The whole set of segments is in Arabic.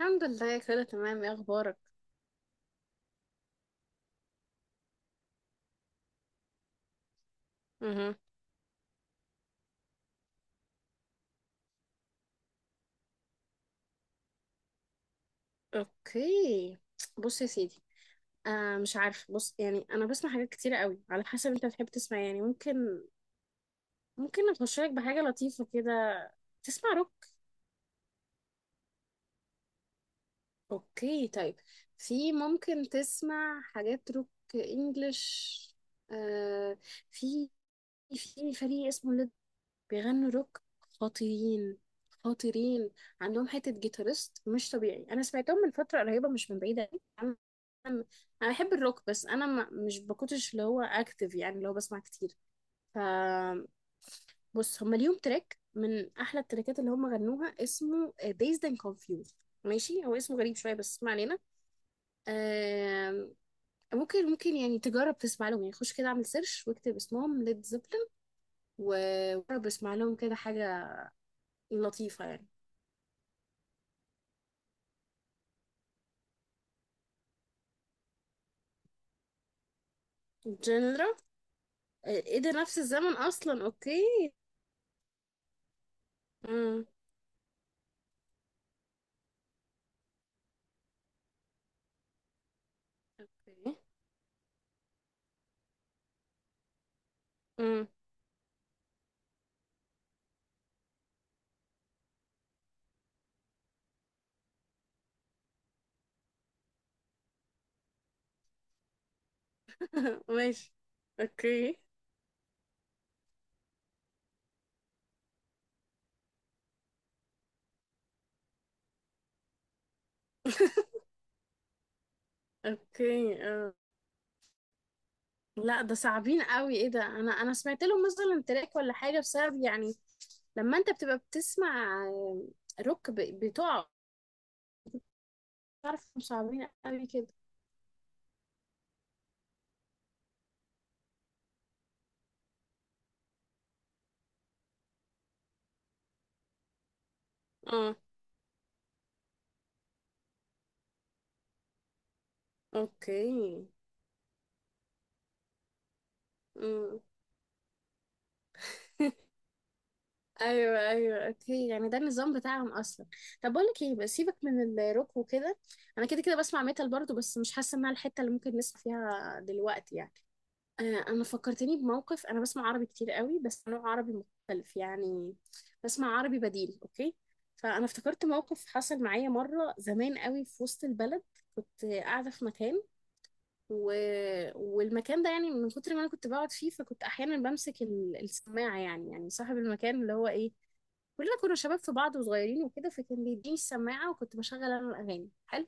الحمد لله، كله تمام. ايه اخبارك؟ امم. اوكي. بص يا سيدي. مش عارفه. بص، يعني انا بسمع حاجات كتيره قوي على حسب انت بتحب تسمع إيه. يعني ممكن اخش لك بحاجه لطيفه كده. تسمع روك؟ اوكي، طيب. في ممكن تسمع حاجات روك انجلش. آه في في فريق اسمه بيغنوا روك خطيرين. خطيرين. عندهم حتة جيتارست مش طبيعي. أنا سمعتهم من فترة قريبة، مش من بعيدة أوي. أنا أنا بحب الروك، بس أنا ما مش بكونش اللي هو أكتف، يعني اللي هو بسمع كتير. ف بص، هما ليهم تراك من أحلى التراكات اللي هما غنوها اسمه Dazed and Confused. ماشي، هو اسمه غريب شوية بس اسمع علينا. آم، ممكن يعني تجرب تسمع لهم، يعني خش كده اعمل سيرش واكتب اسمهم ليد زيبلين. وجرب اسمع لهم كده حاجة لطيفة يعني. جنرا ايه ده! نفس الزمن اصلا. اوكي. امم. اوكي. امم. ماشي. اوكي. اوكي. آه. لا، ده صعبين قوي. ايه ده! انا سمعت لهم مثلا تراك ولا حاجة، بسبب يعني لما انت بتبقى بتسمع روك بتقع. تعرف إنهم صعبين قوي كده. اه. اوكي. امم. ايوه، ايوه، اوكي. يعني ده النظام بتاعهم اصلا. طب بقول لك ايه، بس سيبك من الروك وكده. انا كده كده بسمع ميتال برضو، بس مش حاسه انها الحته اللي ممكن نسمع فيها دلوقتي يعني. انا فكرتني بموقف. انا بسمع عربي كتير قوي، بس نوع عربي مختلف يعني. بسمع عربي بديل. اوكي. فانا افتكرت موقف حصل معايا مره زمان قوي في وسط البلد. كنت قاعده في مكان و... والمكان ده يعني من كتر ما انا كنت بقعد فيه، فكنت احيانا بمسك السماعه، يعني صاحب المكان اللي هو ايه، كلنا كنا شباب في بعض وصغيرين وكده، فكان بيديني السماعه وكنت بشغل انا الاغاني. حلو.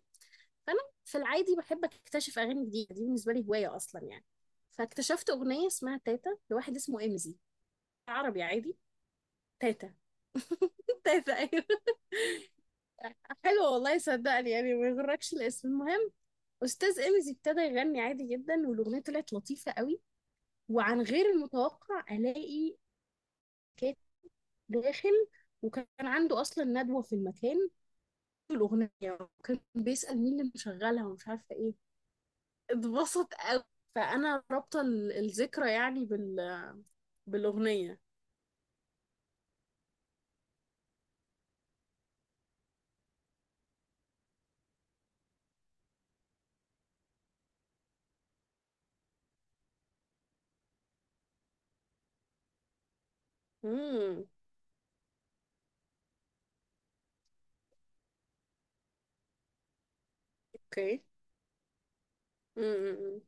فانا في العادي بحب اكتشف اغاني جديده، دي بالنسبه لي هوايه اصلا يعني. فاكتشفت اغنيه اسمها تاتا لواحد اسمه امزي. عربي عادي. تاتا. تاتا، ايوه. حلو، والله صدقني، يعني ما يغركش الاسم. المهم، استاذ امزي ابتدى يغني عادي جدا، والاغنيه طلعت لطيفه قوي. وعن غير المتوقع الاقي كات داخل، وكان عنده اصلا ندوه في المكان، في الاغنيه. وكان بيسال مين اللي مشغلها ومش عارفه ايه. اتبسط قوي. فانا رابطه الذكرى يعني بالاغنيه. امم. اوكي. امم.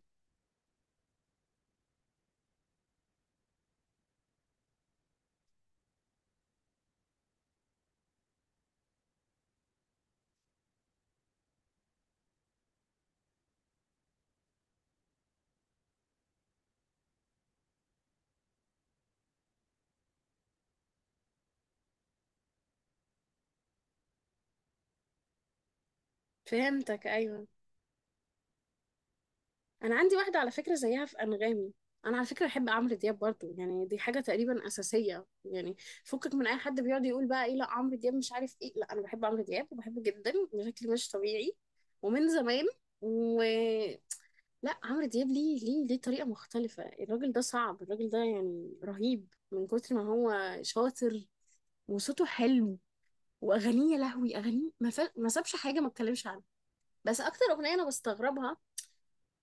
فهمتك، ايوه. انا عندي واحده على فكره زيها في انغامي. انا على فكره بحب عمرو دياب برضو، يعني دي حاجه تقريبا اساسيه يعني. فكك من اي حد بيقعد يقول بقى ايه، لا عمرو دياب مش عارف ايه. لا، انا بحب عمرو دياب وبحبه جدا بشكل مش طبيعي. ومن زمان. و لا، عمرو دياب ليه، ليه، ليه طريقه مختلفه. الراجل ده صعب، الراجل ده يعني رهيب من كتر ما هو شاطر. وصوته حلو. واغانيه، يا لهوي، اغانيه ما سابش حاجه ما اتكلمش عنها. بس اكتر اغنيه انا بستغربها،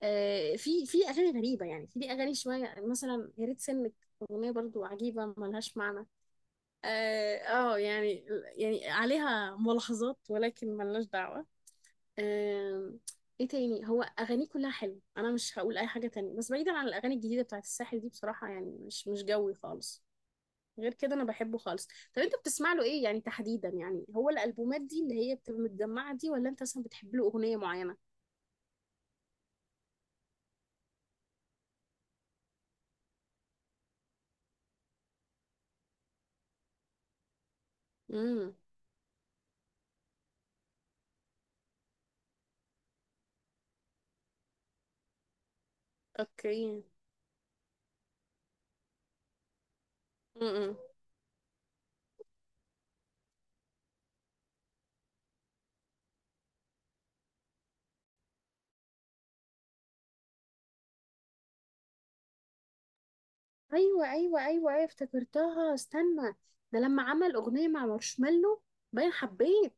في اغاني غريبه، يعني في ليه اغاني شويه مثلا يا ريت سنك. اغنيه برضو عجيبه ملهاش معنى. اه آه، يعني يعني عليها ملاحظات ولكن ملناش دعوه. آه، ايه تاني، هو اغانيه كلها حلوه. انا مش هقول اي حاجه تانية، بس بعيدا عن الاغاني الجديده بتاعت الساحل دي، بصراحه يعني مش جوي خالص. غير كده انا بحبه خالص. طب انت بتسمع له ايه يعني تحديدا؟ يعني هو الالبومات دي اللي هي بتبقى متجمعه دي، ولا انت اصلا بتحب له اغنيه معينه؟ امم. اوكي. امم. ايوه، ايوه، ايوه، ايوه، افتكرتها، استنى. ده لما عمل اغنيه مع مارشميلو. باين حبيت.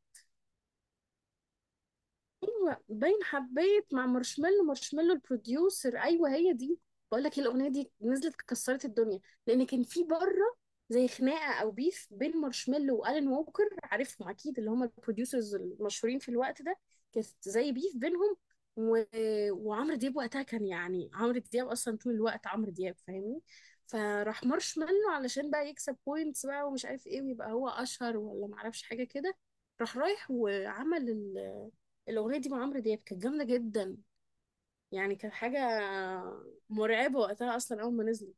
ايوه، باين حبيت مع مارشميلو. مارشميلو البروديوسر. ايوه هي دي. بقول لك الاغنيه دي نزلت كسرت الدنيا. لان كان في بره زي خناقه او بيف بين مارشميلو والان ووكر، عارفهم اكيد، اللي هم البروديوسرز المشهورين في الوقت ده. كانت زي بيف بينهم. و... وعمرو دياب وقتها كان، يعني عمرو دياب اصلا طول الوقت عمرو دياب، فاهمني. فراح مارشميلو علشان بقى يكسب بوينتس بقى، ومش عارف ايه، ويبقى هو اشهر ولا معرفش حاجه كده. راح رايح وعمل الاغنيه دي مع عمرو دياب، كانت جامده جدا يعني. كانت حاجه مرعبه وقتها اصلا اول ما نزلت.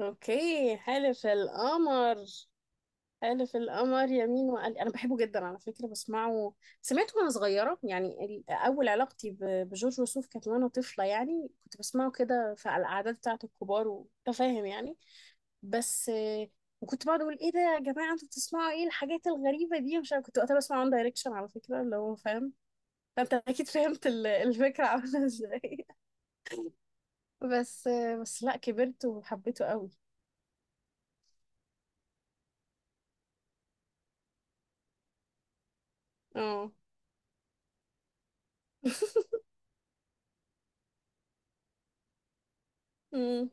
اوكي، حلف القمر. حلف القمر يمين وقال. انا بحبه جدا على فكره، بسمعه. سمعته وانا صغيره، يعني اول علاقتي بجورج وسوف كانت وانا طفله. يعني كنت بسمعه كده في على الاعداد بتاعه الكبار وانت فاهم يعني. بس وكنت بقعد اقول ايه ده يا جماعه، انتوا بتسمعوا ايه الحاجات الغريبه دي. مش عارفة- كنت وقتها بسمع وان دايركشن على فكره، اللي هو فاهم. فانت اكيد فهمت الفكرة عاملة ازاي. بس بس لا كبرت وحبيته قوي. اه. أمم.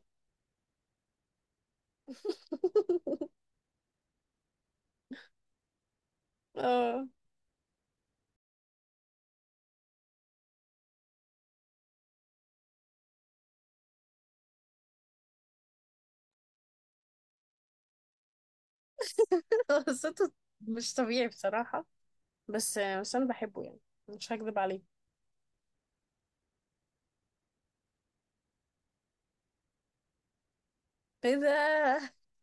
اه. قصته مش طبيعي بصراحة. بس انا بحبه يعني. مش هكذب عليك. ايه ده!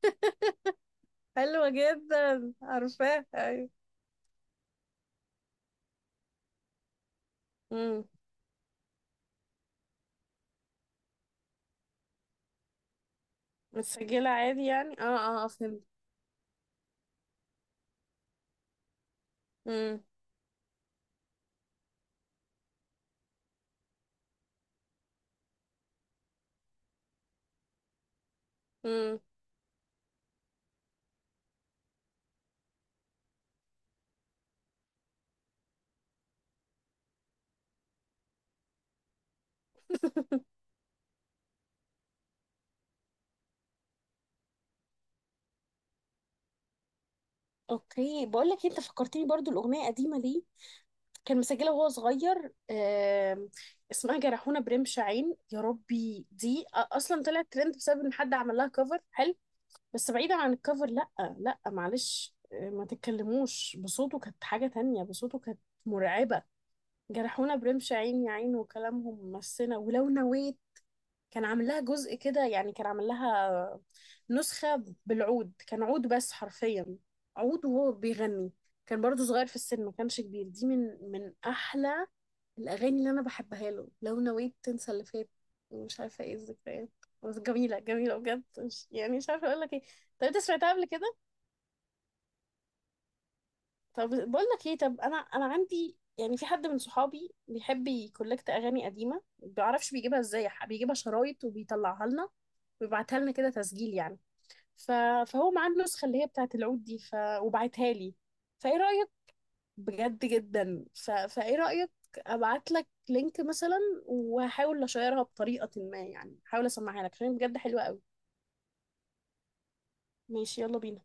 حلوة جدا، عارفاه، ايوه. امم. متسجلة عادي يعني، اه اه، فهمت. امم. امم. اوكي، بقول لك إيه، انت فكرتني برضو الاغنية قديمة ليه. كان مسجلها وهو صغير. اسمها جرحونا برمش عين. يا ربي دي اصلا طلعت ترند بسبب ان حد عمل لها كفر حلو. بس بعيدا عن الكفر، لا لا معلش، ما تتكلموش. بصوته كانت حاجة تانية. بصوته كانت مرعبة. جرحونا برمش عين يا عين، وكلامهم مسنا ولو نويت. كان عامل لها جزء كده، يعني كان عامل لها نسخة بالعود، كان عود بس حرفيا. عود وهو بيغني. كان برضو صغير في السن ما كانش كبير. دي من احلى الاغاني اللي انا بحبها له. لو نويت تنسى اللي فات، ومش عارفه ايه، الذكريات. بس جميله جميله بجد، مش يعني مش عارفه اقول لك ايه. طب انت سمعتها قبل كده؟ طب بقول لك ايه. طب انا عندي يعني في حد من صحابي بيحب يكولكت اغاني قديمه، ما بيعرفش بيجيبها ازاي، بيجيبها شرايط وبيطلعها لنا، ويبعتها لنا كده تسجيل يعني. ف... فهو معاه النسخه اللي هي بتاعت العود دي، وبعتها لي. فايه رايك؟ بجد جدا. فايه رأيك؟ ابعت لك لينك مثلا، وهحاول اشيرها بطريقة ما، يعني هحاول اسمعها لك عشان بجد حلوة قوي. ماشي، يلا بينا.